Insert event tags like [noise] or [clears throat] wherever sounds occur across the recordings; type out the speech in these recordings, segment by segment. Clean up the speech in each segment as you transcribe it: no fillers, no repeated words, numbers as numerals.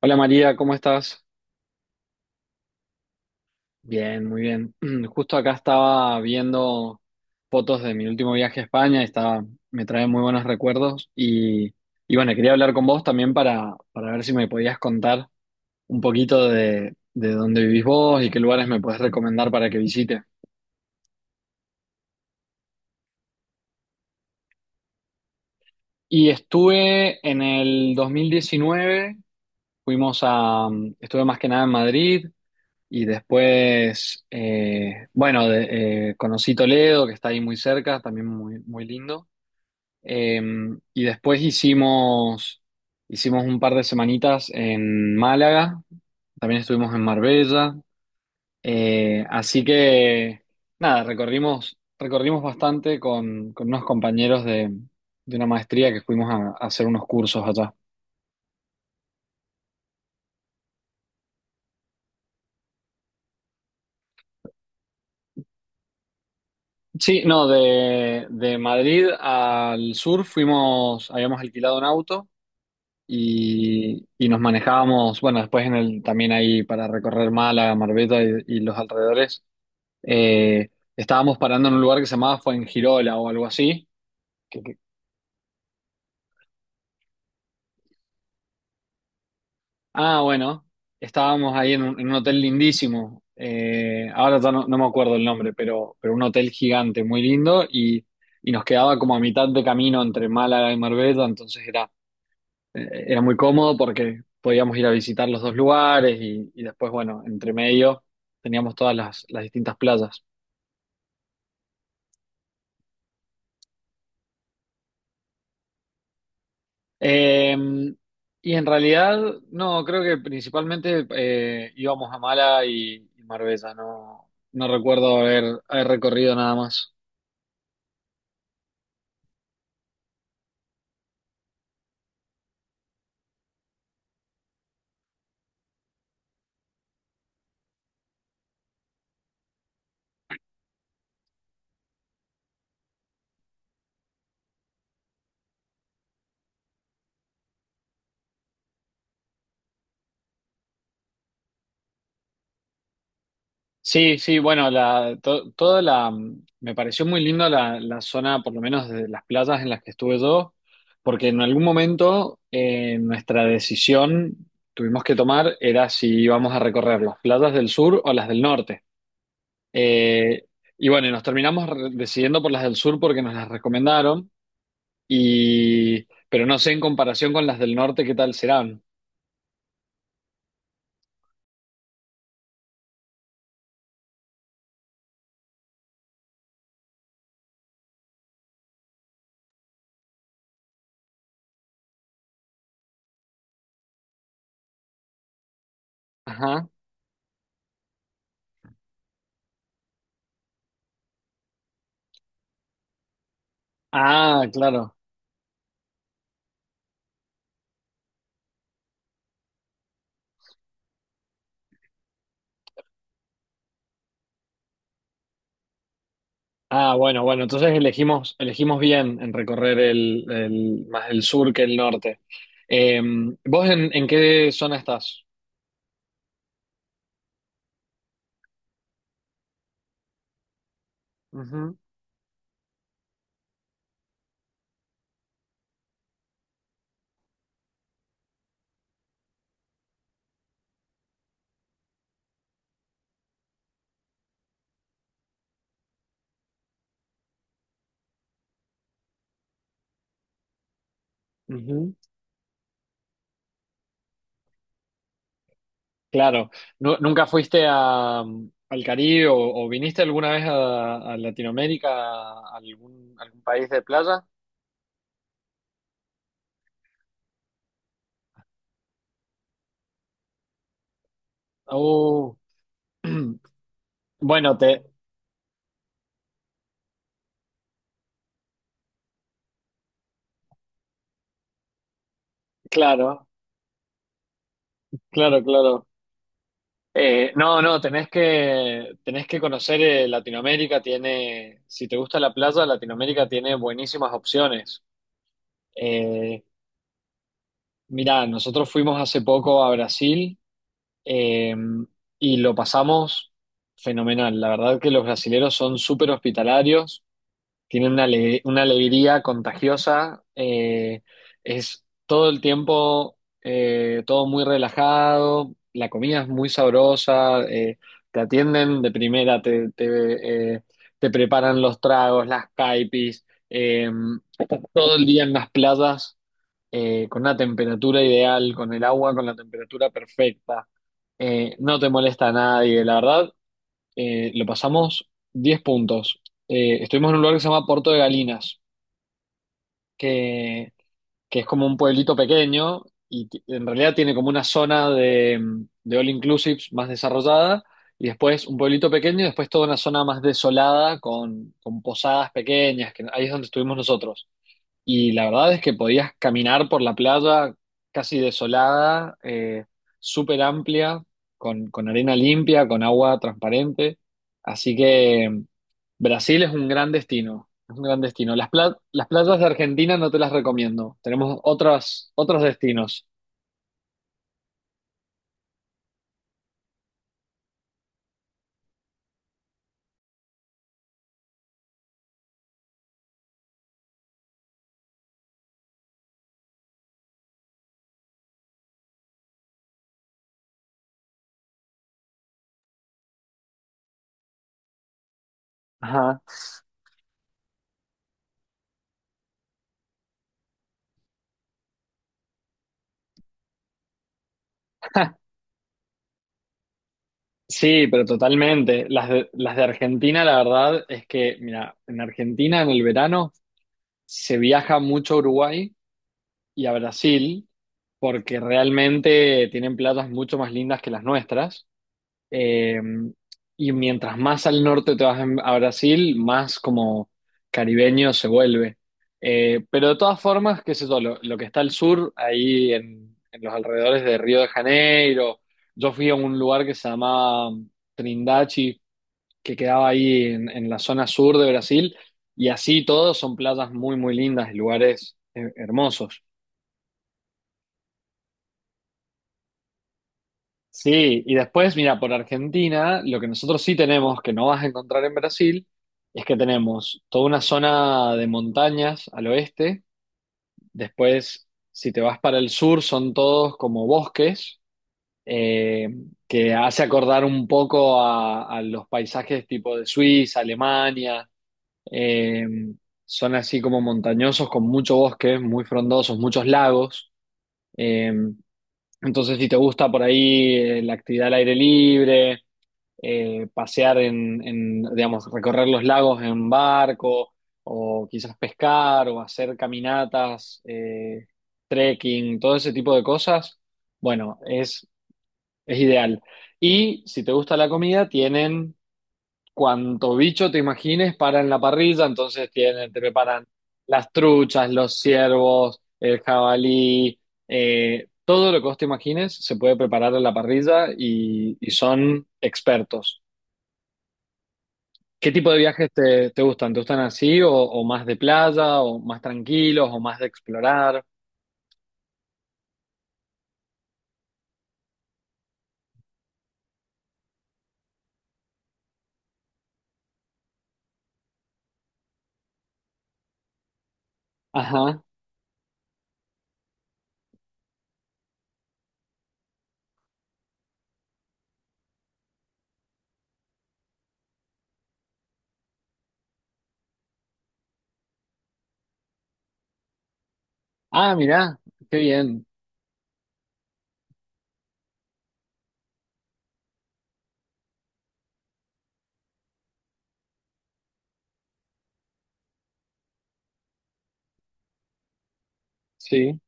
Hola María, ¿cómo estás? Bien, muy bien. [clears throat] Justo acá estaba viendo fotos de mi último viaje a España me trae muy buenos recuerdos y bueno, quería hablar con vos también para ver si me podías contar un poquito de dónde vivís vos y qué lugares me podés recomendar para que visite. Y estuve en el 2019. fuimos a, Estuve más que nada en Madrid. Y después, bueno, conocí Toledo, que está ahí muy cerca, también muy, muy lindo. Eh, y después hicimos, Hicimos un par de semanitas en Málaga, también estuvimos en Marbella. Así que, nada, recorrimos, Recorrimos bastante con unos compañeros de una maestría que fuimos a hacer unos cursos allá. Sí, no, de Madrid al sur fuimos, habíamos alquilado un auto. Y y, nos manejábamos, bueno, después en el, también ahí para recorrer Málaga, Marbella y los alrededores. eh, Estábamos parando en un lugar que se llamaba Fuengirola o algo así. que- que- bueno, estábamos ahí en un hotel lindísimo. Ahora ya no, no me acuerdo el nombre, pero un hotel gigante, muy lindo, y nos quedaba como a mitad de camino entre Málaga y Marbella, era muy cómodo porque podíamos ir a visitar los dos lugares y después, bueno, entre medio teníamos todas las distintas playas. Eh, y en realidad, no, creo que principalmente íbamos a Mala y Marbella, no, no recuerdo haber, haber recorrido nada más. Sí, sí, bueno, toda la, mm, me pareció muy lindo la zona, por lo menos de las playas en las que estuve yo, porque en algún momento nuestra decisión tuvimos que tomar era si íbamos a recorrer las playas del sur o las del norte. Eh, y bueno, y nos terminamos decidiendo por las del sur porque nos las recomendaron, y, pero no sé en comparación con las del norte qué tal serán. Ajá. Ah, claro. Ah, bueno, bueno, entonces elegimos, elegimos bien en recorrer más el sur que el norte. Eh, ¿Vos en qué zona estás? Ujú, ujú. Claro. ¿Nunca fuiste a, mm, al Caribe o viniste alguna vez a Latinoamérica, a algún, algún país de playa? Oh, [clears throat] bueno, te, claro, claro, claro. No, no, tenés que conocer Latinoamérica, tiene, si te gusta la playa, Latinoamérica tiene buenísimas opciones. Eh, Mirá, nosotros fuimos hace poco a Brasil eh, y lo pasamos fenomenal. La verdad que los brasileros son súper hospitalarios, tiene una, una alegría contagiosa, es todo el tiempo, todo muy relajado, la comida es muy sabrosa, te atienden de primera, te preparan los tragos, las caipis, estás todo el día en las playas, con una temperatura ideal, con el agua con la temperatura perfecta, no te molesta a nadie, la verdad lo pasamos 10 puntos. Estuvimos en un lugar que se llama Puerto de Galinas, que, que es como un pueblito pequeño y en realidad tiene como una zona de all inclusives más desarrollada y después un pueblito pequeño y después toda una zona más desolada con posadas pequeñas, que ahí es donde estuvimos nosotros. Y la verdad es que podías caminar por la playa casi desolada, súper amplia, con arena limpia, con agua transparente. Así que mm, Brasil es un gran destino, es un gran destino. Las playas de Argentina no te las recomiendo, tenemos otras, otros destinos. Ajá. [laughs] Sí, pero totalmente. Las de Argentina, la verdad es que, mira, en Argentina en el verano se viaja mucho a Uruguay y a Brasil, porque realmente tienen playas mucho más lindas que las nuestras. Eh, y mientras más al norte te vas a Brasil, más como caribeño se vuelve. Pero de todas formas, qué sé yo, lo que está al sur, ahí en los alrededores de Río de Janeiro, yo fui a un lugar que se llamaba Trindade, que quedaba ahí en la zona sur de Brasil, y así todos son playas muy, muy lindas y lugares hermosos. Sí, y después, mira, por Argentina, lo que nosotros sí tenemos, que no vas a encontrar en Brasil, es que tenemos toda una zona de montañas al oeste. Después, si te vas para el sur, son todos como bosques, eh, que hace acordar un poco a los paisajes tipo de Suiza, Alemania. Eh, Son así como montañosos con mucho bosque, muy frondosos, muchos lagos. Eh, entonces, si te gusta por ahí la actividad al aire libre pasear digamos, recorrer los lagos en barco o quizás pescar o hacer caminatas, trekking, todo ese tipo de cosas, bueno, es ideal. Y si te gusta la comida, tienen cuanto bicho te imagines para en la parrilla, entonces tienen, te preparan las truchas, los ciervos, el jabalí, todo lo que vos te imagines se puede preparar en la parrilla y son expertos. ¿Qué tipo de viajes te gustan? ¿Te gustan así o más de playa o más tranquilos o más de explorar? Ajá. Ah, mirá, qué bien. Sí,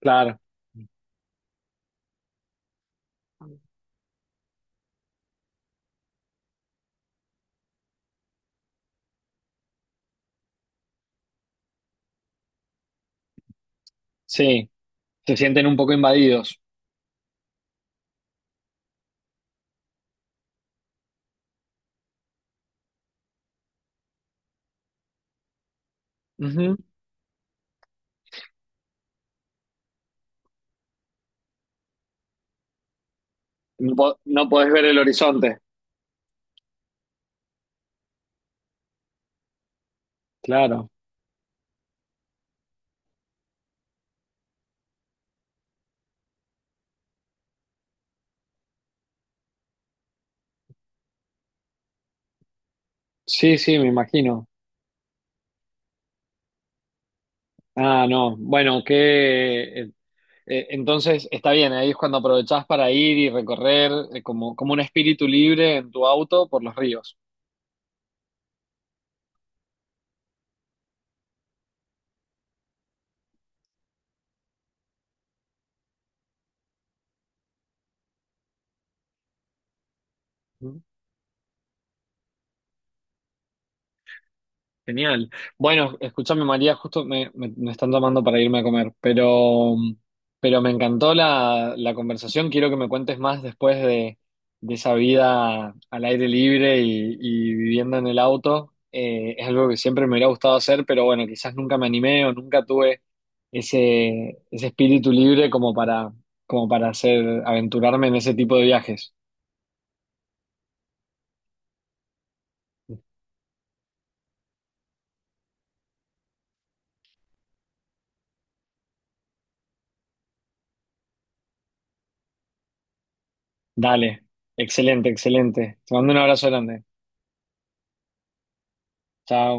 claro. Sí, se sienten un poco invadidos. Ujú. No podés ver el horizonte. Claro. Sí, sí, me imagino. Ah, no. Bueno, que entonces está bien, ahí es cuando aprovechás para ir y recorrer como, como un espíritu libre en tu auto por los ríos. Genial. Bueno, escúchame María, justo me están llamando para irme a comer, pero me encantó la conversación. Quiero que me cuentes más después de esa vida al aire libre y viviendo en el auto. Es algo que siempre me hubiera gustado hacer, pero bueno, quizás nunca me animé o nunca tuve ese espíritu libre como para, como para hacer, aventurarme en ese tipo de viajes. Dale, excelente, excelente. Te mando un abrazo grande. Chao.